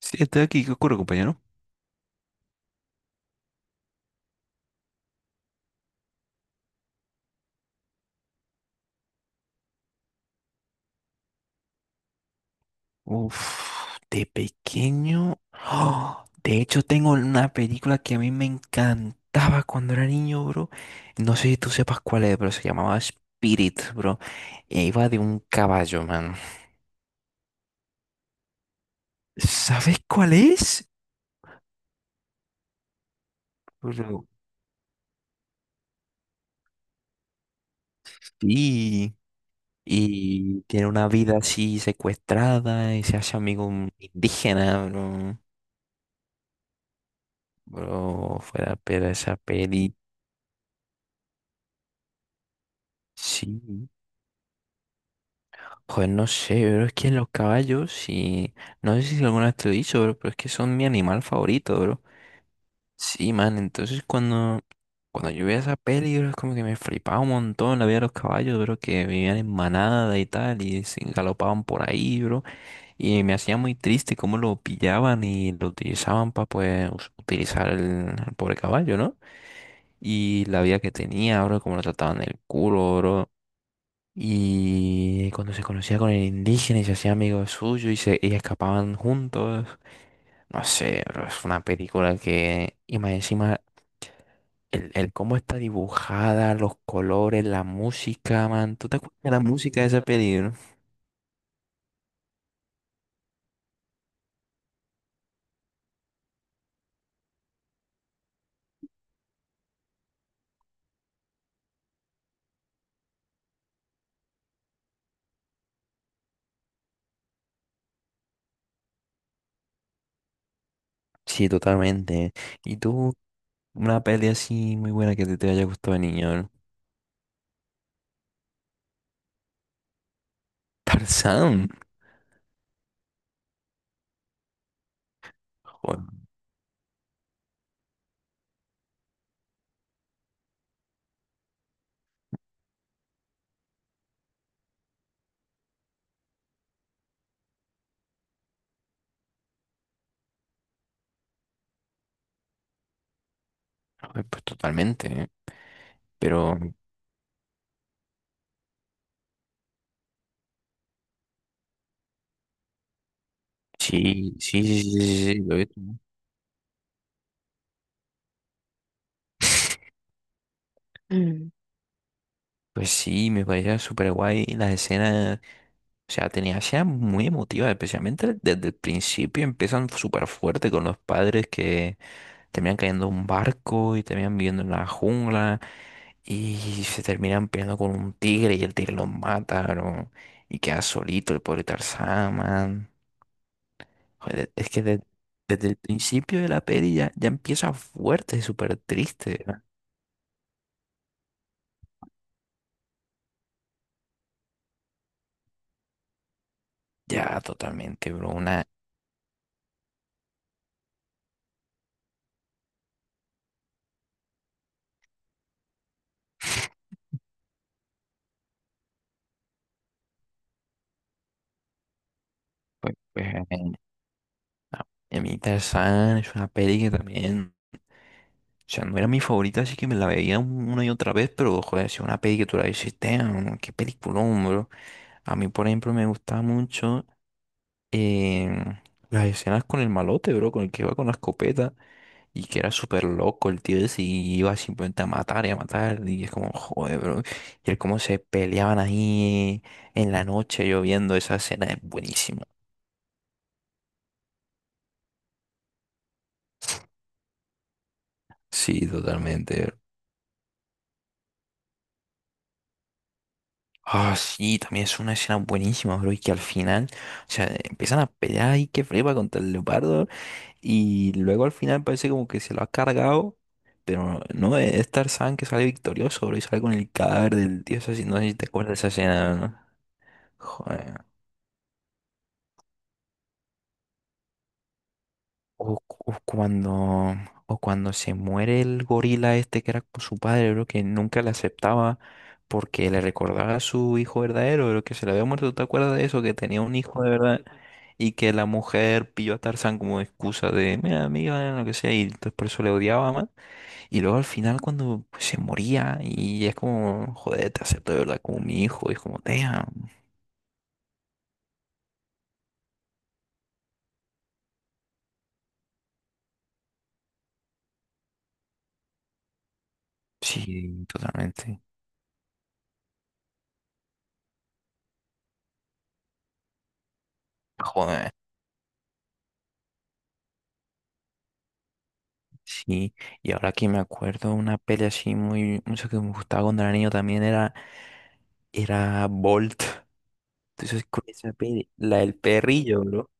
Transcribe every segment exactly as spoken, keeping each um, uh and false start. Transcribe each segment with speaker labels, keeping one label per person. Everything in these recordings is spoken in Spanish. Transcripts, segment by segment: Speaker 1: Sí, estoy aquí. ¿Qué ocurre, compañero? Uf, de pequeño. ¡Oh! De hecho, tengo una película que a mí me encantaba cuando era niño, bro. No sé si tú sepas cuál es, pero se llamaba Spirit, bro. E iba de un caballo, man. ¿Sabes cuál es? Bro. Sí. Y tiene una vida así secuestrada y se hace amigo un indígena, bro. Bro, fuera, pero esa peli. Sí. Pues no sé, pero es que los caballos y no sé si alguna vez te lo he dicho, bro, pero es que son mi animal favorito, bro. Sí, man, entonces cuando, cuando yo veía esa peli, bro, es como que me flipaba un montón la vida de los caballos, bro, que vivían en manada y tal, y se galopaban por ahí, bro, y me hacía muy triste cómo lo pillaban y lo utilizaban para, pues, us- utilizar el, el pobre caballo, ¿no? Y la vida que tenía, bro, cómo lo trataban el culo, bro. Y cuando se conocía con el indígena y se hacía amigo suyo y, se, y escapaban juntos, no sé, bro, es una película que, y más encima, el, el cómo está dibujada, los colores, la música, man, ¿tú te acuerdas de la música de esa peli, bro? Sí, totalmente. ¿Y tú, una peli así muy buena que te, te haya gustado de niño, bro? Tarzán, joder, joder, pues totalmente, ¿eh? Pero sí, sí, sí, sí, sí, sí, sí, lo he visto. Pues sí, me parecía súper guay las escenas, o sea, tenía escenas muy emotivas, especialmente desde el principio empiezan súper fuerte con los padres que terminan cayendo en un barco y terminan viviendo en la jungla y se terminan peleando con un tigre y el tigre los mata, ¿no? Y queda solito el pobre Tarzán, man. Joder, es que de- desde el principio de la peli ya, ya empieza fuerte, súper triste, ¿no? Ya, totalmente, bro, una... Pues, pues, A a mí Tarzán es una peli que también, o sea, no era mi favorita, así que me la veía un- una y otra vez, pero joder, si es una peli que tú la dices, "Damn, qué peliculón, bro". A mí, por ejemplo, me gustaba mucho em, las escenas con el malote, bro, con el que iba con la escopeta y que era súper loco el tío ese y iba simplemente a matar y a matar, y es como, joder, bro. Y el cómo se peleaban ahí en la noche lloviendo, esa escena es buenísima. Sí, totalmente. Ah, sí, también es una escena buenísima, bro, y que al final, o sea, empiezan a pelear y que flipa contra el leopardo, y luego al final parece como que se lo ha cargado, pero no, e-, es Tarzán que sale victorioso, bro, y sale con el cadáver del dios así, no sé si te acuerdas de esa escena, ¿no? Joder. O, o cuando, o cuando se muere el gorila este que era con su padre, bro, que nunca le aceptaba porque le recordaba a su hijo verdadero, bro, que se le había muerto, ¿te acuerdas de eso? Que tenía un hijo de verdad. Y que la mujer pilló a Tarzán como excusa de, mira, amiga, lo que sea, y entonces por eso le odiaba más. Y luego al final cuando pues, se moría y es como, joder, te acepto de verdad como mi hijo, y es como, damn, sí, totalmente. Joder, sí. Y ahora que me acuerdo, una peli así muy, mucho que me gustaba cuando era niño también era, era Bolt. Entonces con esa peli, la del perrillo, bro.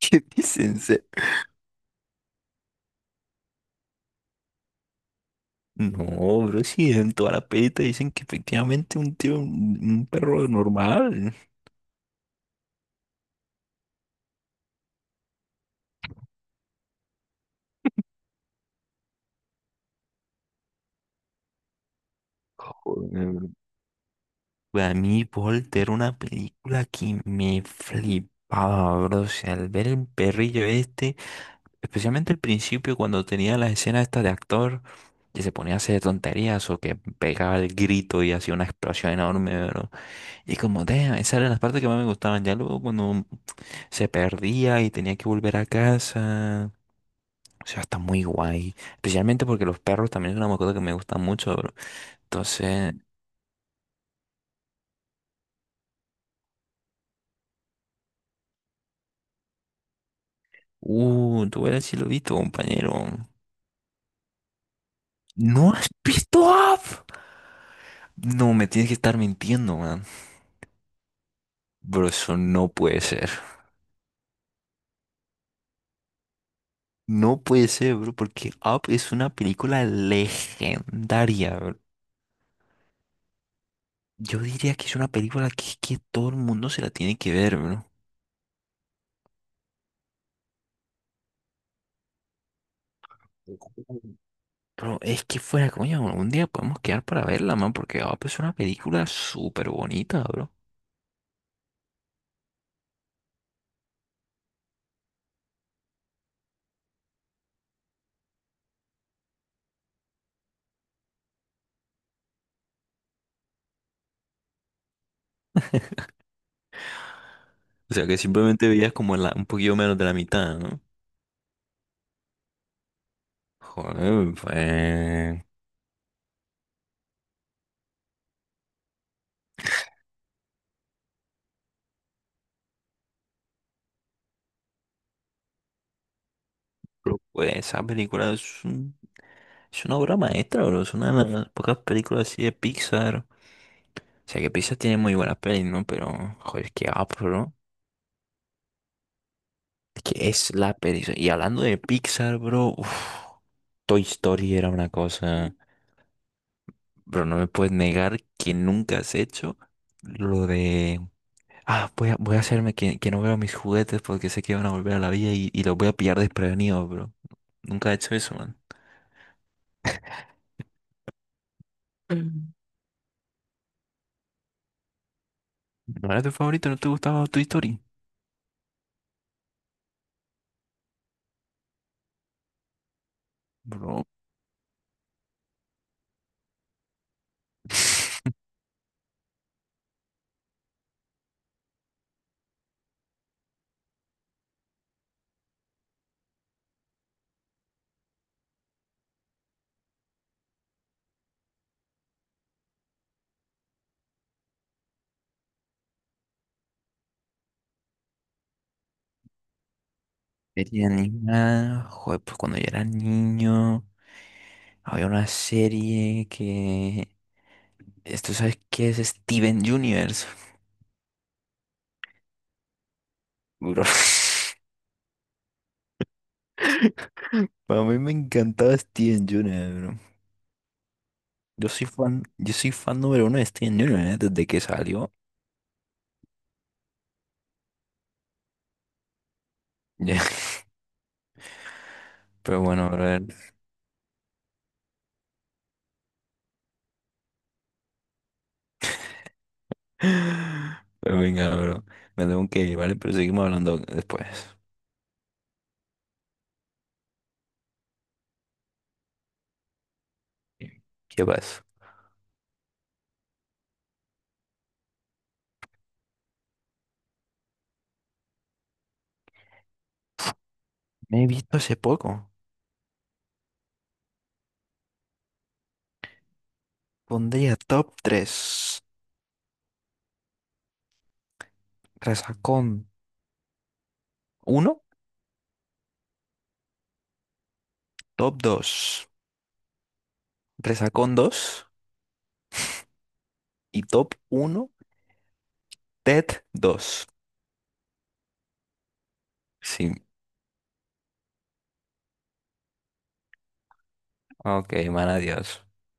Speaker 1: ¿Qué dicen? No, bro, sí, en toda la peli te dicen que efectivamente un tío, un, un perro normal. Joder, bro. Pues a mí Volter era una película que me flipaba, bro. O sea, al ver el perrillo este, especialmente al principio cuando tenía las escenas estas de actor que se ponía a hacer tonterías o que pegaba el grito y hacía una explosión enorme, bro. Y como, damn, esas eran las partes que más me gustaban. Ya luego cuando se perdía y tenía que volver a casa. O sea, está muy guay. Especialmente porque los perros también es una mascota que me gusta mucho, bro. Entonces, uh, tú verás si lo he visto, compañero. ¿No has visto Up? No, me tienes que estar mintiendo, man. Bro, eso no puede ser. No puede ser, bro, porque Up es una película legendaria, bro. Yo diría que es una película que, que todo el mundo se la tiene que ver, bro. Pero es que fuera, coño, un día podemos quedar para verla, man, porque Up es una película súper bonita, bro. O sea que simplemente veías como la, un poquito menos de la mitad, ¿no? Joder, pues, pero, pues, esa película es, un- es una obra maestra, bro. Es una de las pocas películas así de Pixar. O sea que Pixar tiene muy buenas pelis, ¿no? Pero, joder, qué up, bro. Es que es la peli. Y hablando de Pixar, bro, uf, Toy Story era una cosa. Bro, no me puedes negar que nunca has hecho lo de "Ah, voy a, voy a hacerme que, que no veo mis juguetes porque sé que van a volver a la vida y, y los voy a pillar desprevenido, bro". Nunca he hecho eso, man. Mm. ¿No era tu favorito? ¿No te gustaba tu historia? Bro. Serie animada. Joder, pues cuando yo era niño había una serie que... ¿Esto sabes qué es? Steven Universe, bro. Para mí me encantaba Steven Universe, bro. Yo soy fan, yo soy fan número uno de Steven Universe, ¿eh?, desde que salió. Pero bueno, bro. Pero venga, bro. Me tengo que ir, ¿vale? Pero seguimos hablando después. ¿Qué pasa? Me he visto hace poco. Pondría top tres. Resacón uno. Top dos. Resacón dos. Y top uno, T E D dos. Sí. Ok, man, adiós.